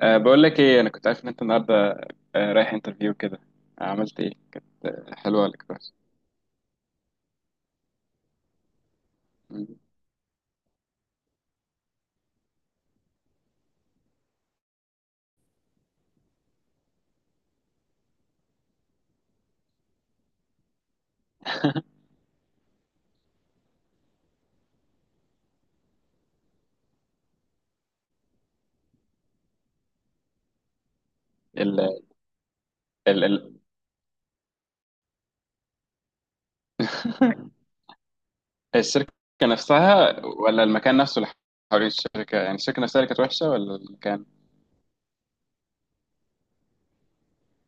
بقول لك ايه، انا كنت عارف ان انت النهارده رايح انترفيو كده. عملت ايه؟ كانت حلوه ولا كانت وحشة؟ ال ال الشركه نفسها ولا المكان نفسه اللي حوالين الشركه؟ يعني الشركه نفسها اللي كانت وحشه ولا المكان؟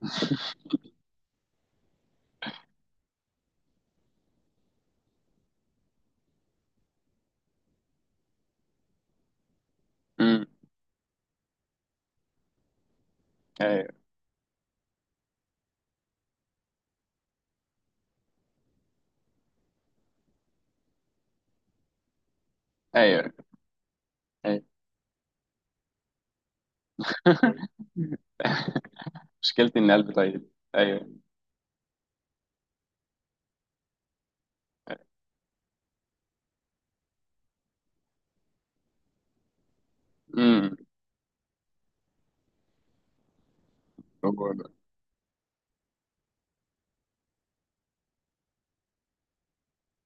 امم. ايوه ايوه ايوه. مشكلتي ان قلبي طيب. ايوه. امم. هو ده.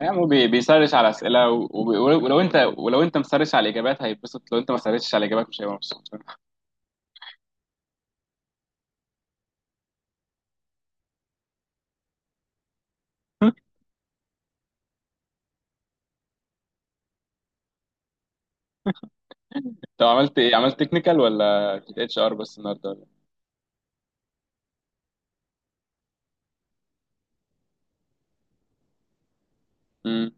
يعني هو بيسرش على اسئله، ولو انت، ولو انت مسرش على الاجابات هيتبسط. لو انت ما سرشتش على الاجابات مش هيبقى مبسوط. طب عملت ايه؟ عملت تكنيكال ولا كنت اتش ار بس النهارده ولا؟ امم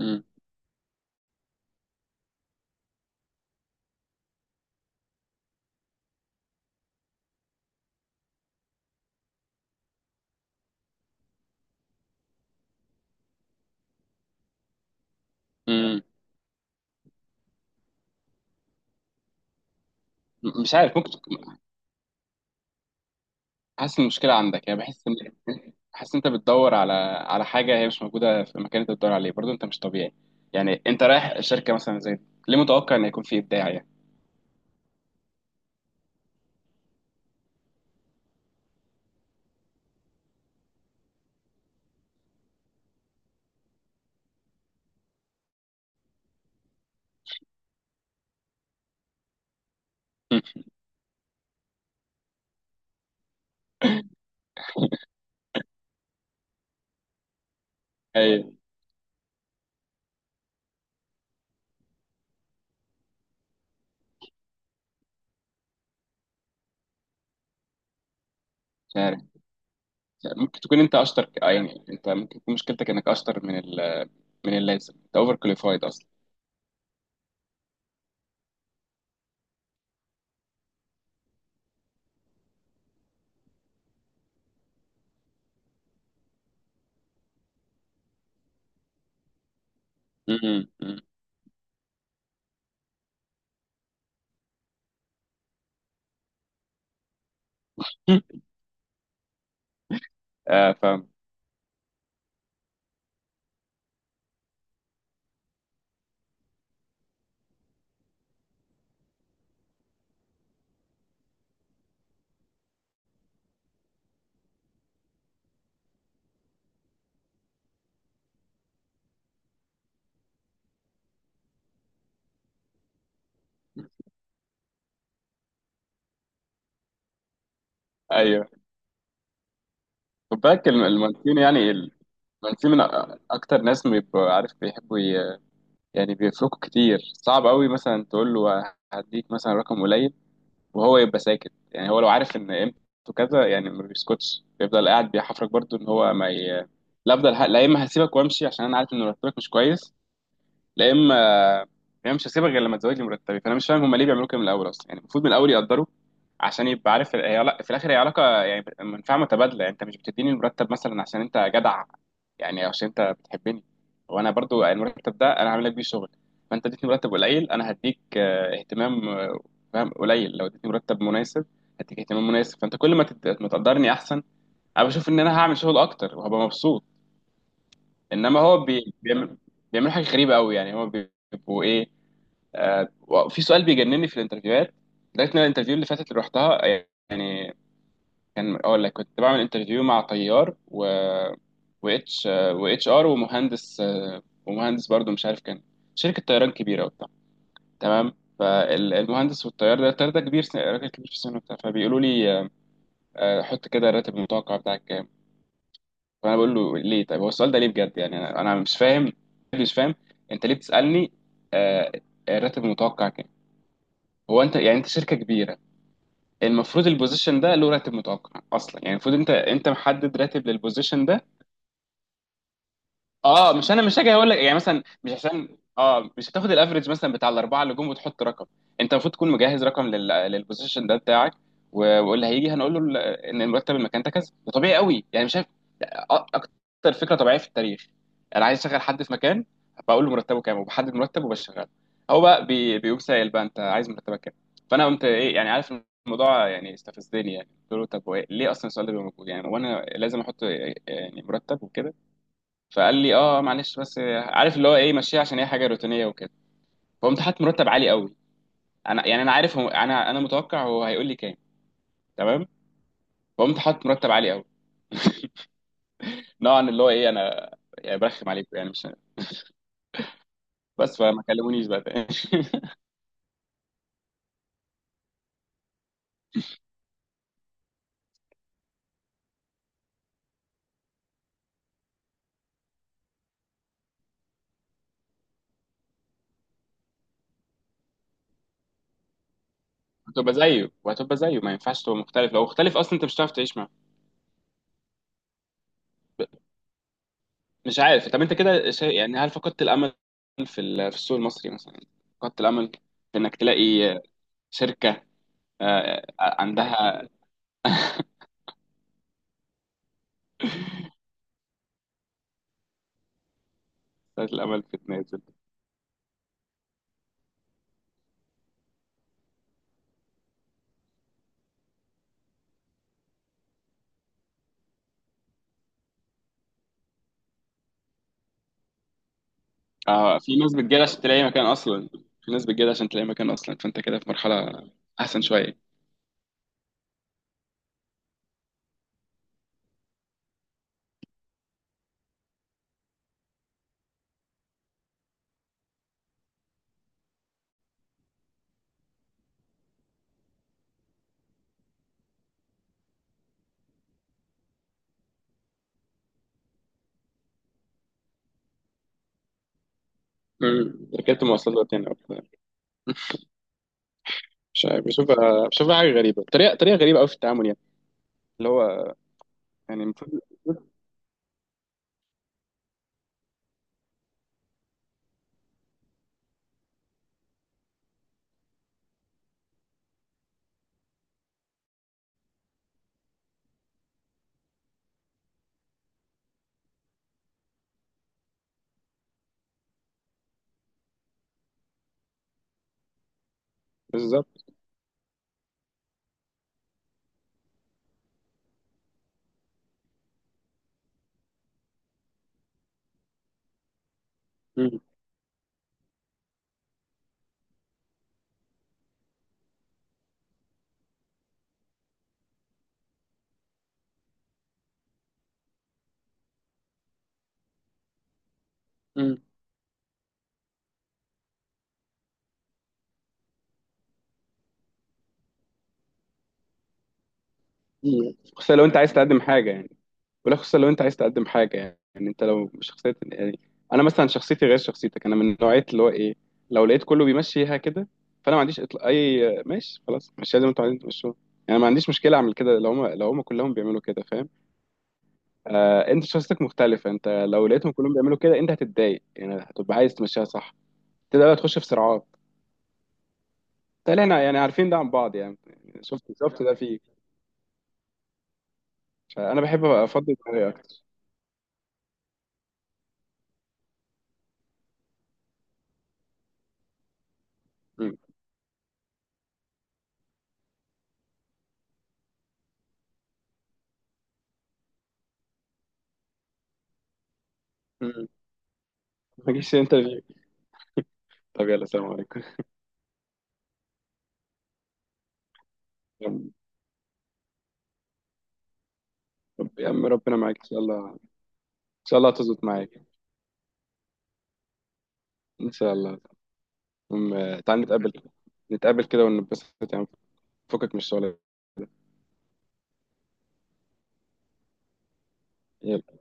امم امم مش عارف، ممكن تكون. حاسس إن المشكله عندك؟ يعني بحس ان حاسس إن انت بتدور على على حاجه هي مش موجوده في المكان اللي انت بتدور عليه، برضه انت مش طبيعي. يعني انت رايح شركه مثلا زي دي، ليه متوقع ان هيكون في ابداع يعني؟ ايوه. مش عارف، ممكن تكون انت اشطر، يعني انت ممكن تكون مشكلتك انك اشطر من من اللازم، انت اوفر كواليفايد اصلا. امم. آه فاهم. ايوه. خد بالك، المهندسين يعني المهندسين من اكتر ناس بيبقوا عارف بيحبوا يعني بيفرقوا كتير. صعب قوي مثلا تقول له هديك مثلا رقم قليل وهو يبقى ساكت. يعني هو لو عارف ان قيمته كذا يعني ما بيسكتش، بيفضل قاعد بيحفرك برضو ان هو ما ي... لا افضل لا، اما هسيبك وامشي عشان انا عارف ان مرتبك مش كويس. لا اما هي مش هسيبها غير لما تزودني مرتبي. فانا مش فاهم هم ليه بيعملوا كده من الاول اصلا. يعني المفروض من الاول يقدروا عشان يبقى عارف في الاخر هي علاقه، يعني منفعه متبادله. يعني انت مش بتديني المرتب مثلا عشان انت جدع يعني، أو عشان انت بتحبني. وانا برضو المرتب ده انا هعمل لك بيه شغل. فانت اديتني مرتب قليل، انا هديك اهتمام، فاهم، قليل. لو اديتني مرتب مناسب هديك اهتمام مناسب. فانت كل ما ما تقدرني احسن، انا بشوف ان انا هعمل شغل اكتر وهبقى مبسوط. انما هو بيعمل، بيعملوا حاجه غريبه قوي. يعني هو بيبقوا ايه؟ في سؤال بيجنني في الانترفيوهات. لقيت ان الانترفيو اللي فاتت اللي رحتها يعني، كان اقول لك، كنت بعمل انترفيو مع طيار و واتش واتش ار ومهندس، ومهندس برضو مش عارف، كان شركه طيران كبيره وبتاع، تمام. فالمهندس والطيار ده، الطيار ده كبير راجل كبير في السن وبتاع، فبيقولوا لي حط كده الراتب المتوقع بتاعك كام. فانا بقول له ليه؟ طيب هو السؤال ده ليه بجد يعني؟ أنا مش فاهم، مش فاهم. انت ليه بتسالني آه، الراتب المتوقع كام؟ هو انت يعني انت شركه كبيره، المفروض البوزيشن ده له راتب متوقع اصلا. يعني المفروض انت محدد راتب للبوزيشن ده. اه، مش انا، مش هاجي اقول لك يعني مثلا مش عشان، اه، مش هتاخد الافريج مثلا بتاع الاربعه اللي جم وتحط رقم. انت المفروض تكون مجهز رقم للبوزيشن ده بتاعك. و- واللي هيجي هنقول له ان المرتب المكان ده كذا. ده طبيعي قوي يعني، مش اكتر فكره طبيعيه في التاريخ. انا عايز اشغل حد في مكان، بقول له مرتبه كام، وبحدد مرتبه وبشغله. هو بقى بيقوم سائل بقى انت عايز مرتبك كام. فانا قمت ايه يعني عارف، الموضوع يعني استفزني. يعني قلت له طب هو ليه اصلا السؤال ده بيبقى موجود يعني وانا لازم احط يعني مرتب وكده. فقال لي اه معلش بس، عارف اللي هو ايه ماشيه، عشان هي حاجه روتينيه وكده. فقمت حاطط مرتب عالي قوي. انا يعني انا عارف هو، انا متوقع هو هيقول لي كام، تمام. فقمت حاطط مرتب عالي قوي، نوعا اللي هو ايه انا يعني برخم عليكم يعني. مش بس، فما كلمونيش بقى تاني. هتبقى زيه وهتبقى زيه، ما ينفعش تبقى مختلف. لو مختلف اصلا انت مش هتعرف تعيش معاه. ب- مش عارف، طب انت كده يعني هل فقدت الامل في في السوق المصري مثلا؟ فقدت الامل في انك تلاقي شركه عندها؟ فقدت الامل في تنازل؟ اه، في ناس بتجيلها عشان تلاقي مكان اصلا. في ناس بتجيلها عشان تلاقي مكان اصلا، فانت كده في مرحله احسن شويه. مم. ركبت مواصلات تاني أو كده. مش عارف، بشوفها حاجه غريبه، طريقه غريبه قوي في التعامل يعني. اللي هو يعني المفروض، بالظبط. مم. مم. خصوصا لو انت عايز تقدم حاجه يعني. ولا خصوصا لو انت عايز تقدم حاجه يعني. يعني انت لو شخصيه يعني، انا مثلا شخصيتي غير شخصيتك. انا من نوعيه اللي هو ايه، لو لقيت كله بيمشيها كده فانا ما عنديش اطلاق، اي ماشي خلاص، ماشي زي ما انتوا عايزين تمشوها يعني. ما عنديش مشكله اعمل كده لو هم، لو هم كلهم بيعملوا كده، فاهم؟ آه انت شخصيتك مختلفه، انت لو لقيتهم كلهم بيعملوا كده انت هتتضايق يعني، هتبقى عايز تمشيها صح. تبدا بقى تخش في صراعات. تلاقي احنا يعني عارفين ده عن بعض يعني. شفت ده فيك. فانا بحب ابقى افضي دماغي اكتر. مم. ما جيش انترفيو. طب يلا سلام عليكم. طب يا عم ربنا معاك ان شاء الله. ان شاء الله هتظبط معاك. ان شاء الله. تعال نتقابل، نتقابل كده ونتبسط يعني، فكك من الشغل. يلا.